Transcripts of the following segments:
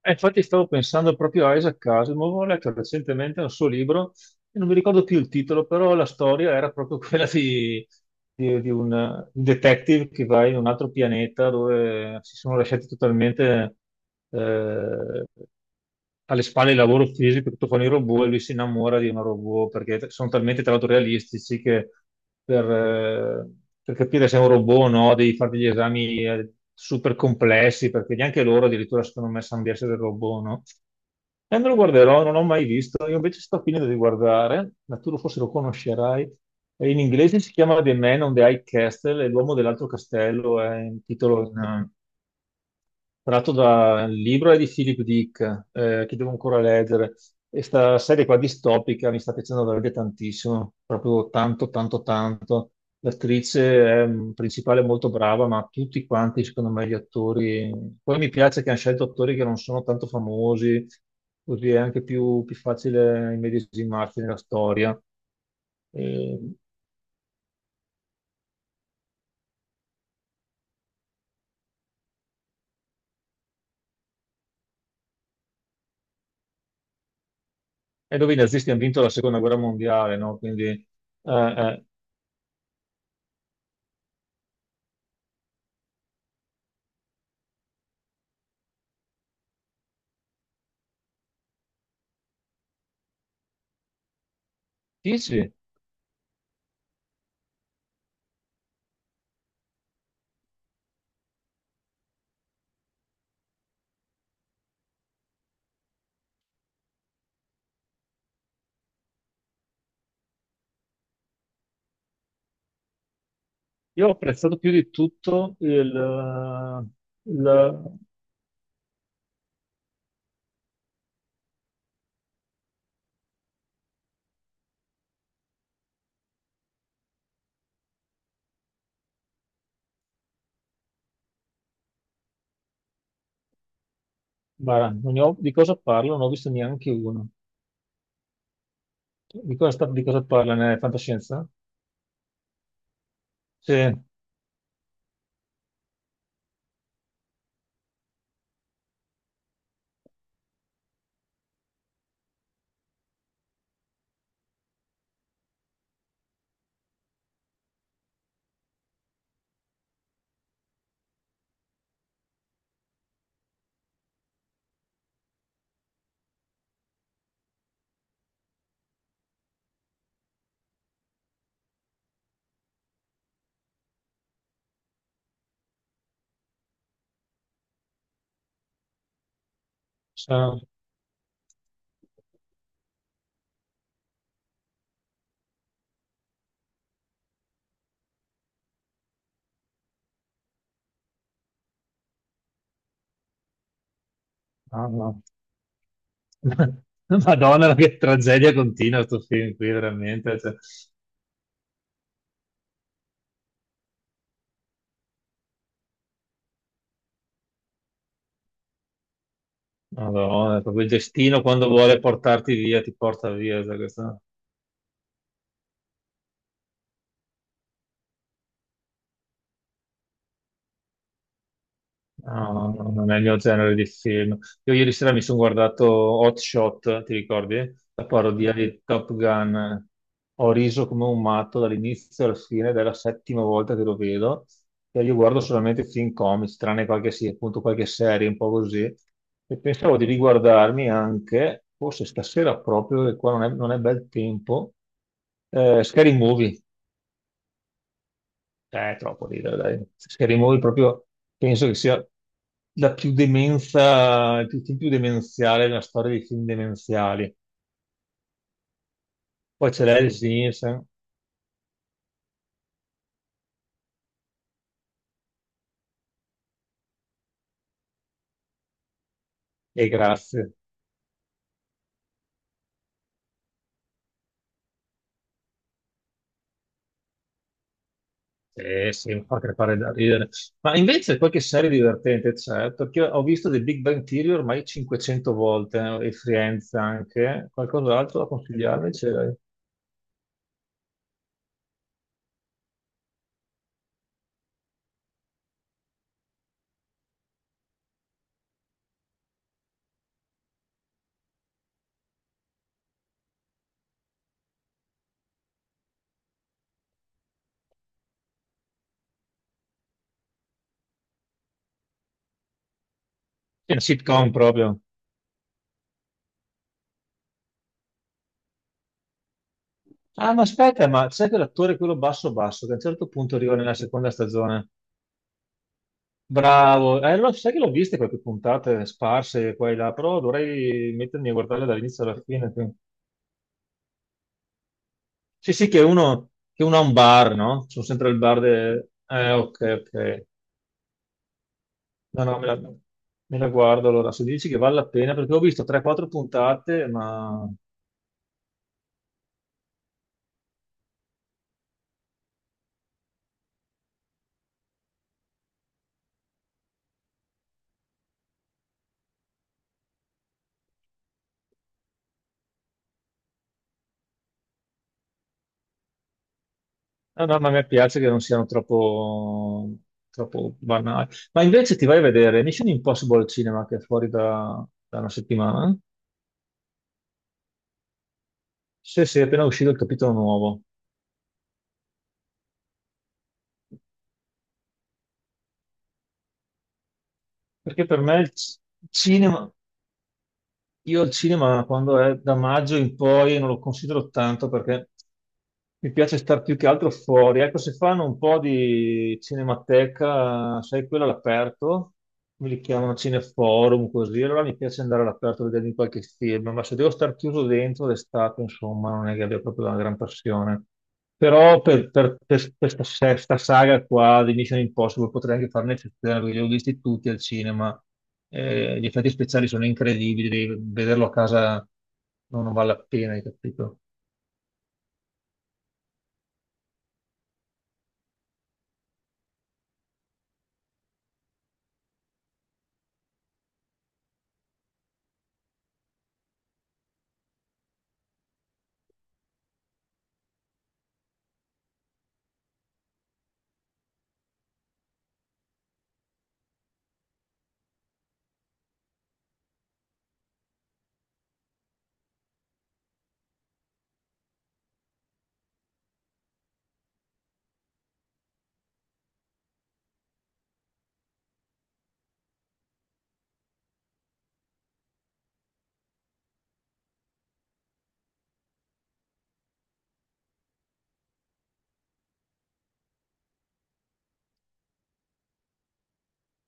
Infatti stavo pensando proprio a Isaac Asimov, ho letto recentemente un suo libro non mi ricordo più il titolo, però la storia era proprio quella di, di un detective che va in un altro pianeta dove si sono lasciati totalmente eh, alle spalle il lavoro fisico, tutto fanno i robot e lui si innamora di una robot perché sono talmente tra l'altro realistici che per, eh, per capire se è un robot o no devi fare degli esami super complessi perché neanche loro addirittura secondo me sanno di essere robot, no? E me lo guarderò, non l'ho mai visto. Io invece sto finendo di guardare, ma forse lo conoscerai. E in inglese si chiama The Man on the High Castle, e l'uomo dell'altro castello è in titolo in, tratto dal libro è di Philip Dick, che devo ancora leggere. E sta serie qua distopica mi sta piacendo veramente tantissimo, proprio tanto, tanto, tanto. L'attrice è, principale è molto brava, ma tutti quanti, secondo me, gli attori. Poi mi piace che hanno scelto attori che non sono tanto famosi, così è anche più facile immedesimarsi nella storia. E, e dove i nazisti hanno vinto la seconda guerra mondiale, no? Quindi, eh, eh, sì, sì. Io ho apprezzato più di tutto il... il- guarda, non ne ho- di cosa parlo? Non ho visto neanche uno. Di cosa, di cosa parla? Nella fantascienza? Sì. sa- ah, no. Madonna, che tragedia continua questo film qui, veramente. Cioè, Madonna, proprio il destino quando vuole portarti via, ti porta via. Cioè, questo. No, no, non è il mio genere di film. Io ieri sera mi sono guardato Hot Shot, ti ricordi? La parodia di Top Gun. Ho riso come un matto dall'inizio alla fine, ed è la settima volta che lo vedo. E io guardo solamente film comics, tranne qualche, sì, appunto, qualche serie, un po' così. E pensavo di riguardarmi anche, forse stasera proprio, che qua non è bel tempo, Scary Movie. Cioè, è troppo ridere, dai. Scary Movie proprio penso che sia la più demenza, il film più demenziale nella storia dei film demenziali. Poi c'è Leslie Nielsen e grazie. Sì, sì, mi fa crepare da ridere. Ma invece qualche serie divertente c'è, perché ho visto The Big Bang Theory ormai 500 volte, e Friends anche. Qualcos'altro da consigliarmi c'è? È una sitcom proprio. Ah, ma aspetta, ma c'è quell'attore, quello basso basso, che a un certo punto arriva nella seconda stagione. Bravo, sai che l'ho viste quelle puntate sparse qua e là, però dovrei mettermi a guardarle dall'inizio alla fine. Sì, sì, che uno ha un bar, no? Sono sempre ok, ok. No, no, me la guardo allora. Se dici che vale la pena, perché ho visto 3-4 puntate, ma... No, no, ma a me piace che non siano troppo, troppo banali. Ma invece ti vai a vedere Mission Impossible al cinema, che è fuori da una settimana? Sì, sì, è appena uscito il capitolo nuovo. Perché per me il c- Cinema, io il cinema quando è da maggio in poi non lo considero tanto perché mi piace star più che altro fuori. Ecco, se fanno un po' di cinemateca, sai, quella all'aperto, me li chiamano cineforum così, allora mi piace andare all'aperto a vedermi qualche film, ma se devo star chiuso dentro d'estate, insomma, non è che abbia proprio una gran passione. Però per questa sesta saga qua di Mission Impossible potrei anche fare un'eccezione, perché li ho visti tutti al cinema. Gli effetti speciali sono incredibili, devi vederlo a casa non vale la pena, hai capito?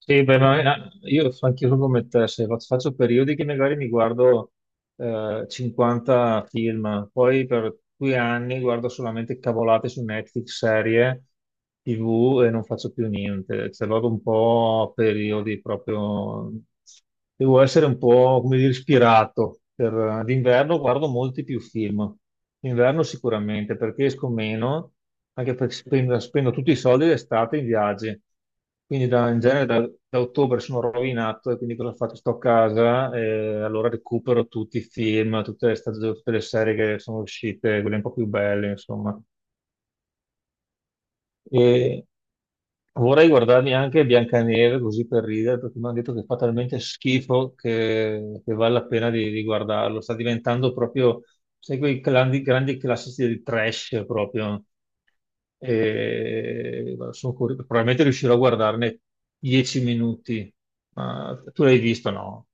Sì, beh, io anch'io sono come te, se faccio periodi che magari mi guardo 50 film, poi per due anni guardo solamente cavolate su Netflix, serie, TV e non faccio più niente. Cioè, vado un po' a periodi proprio... Devo essere un po', come dire, ispirato. Per... D'inverno guardo molti più film, d'inverno sicuramente, perché esco meno, anche perché spendo tutti i soldi d'estate in viaggi. Quindi da ottobre sono rovinato e quindi cosa ho fatto? Sto a casa e allora recupero tutti i film, tutte le, stagioni, tutte le serie che sono uscite, quelle un po' più belle, insomma. E vorrei guardarmi anche Biancaneve così per ridere, perché mi hanno detto che fa talmente schifo che vale la pena di guardarlo. Sta diventando proprio, sai, quei grandi, grandi classici del trash proprio e guarda, sono curioso, probabilmente riuscirò a guardarne 10 minuti. Ma tu l'hai visto, no?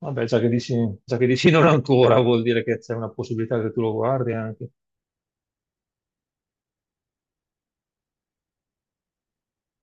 Vabbè, già che dici non ancora, vuol dire che c'è una possibilità che tu lo guardi anche.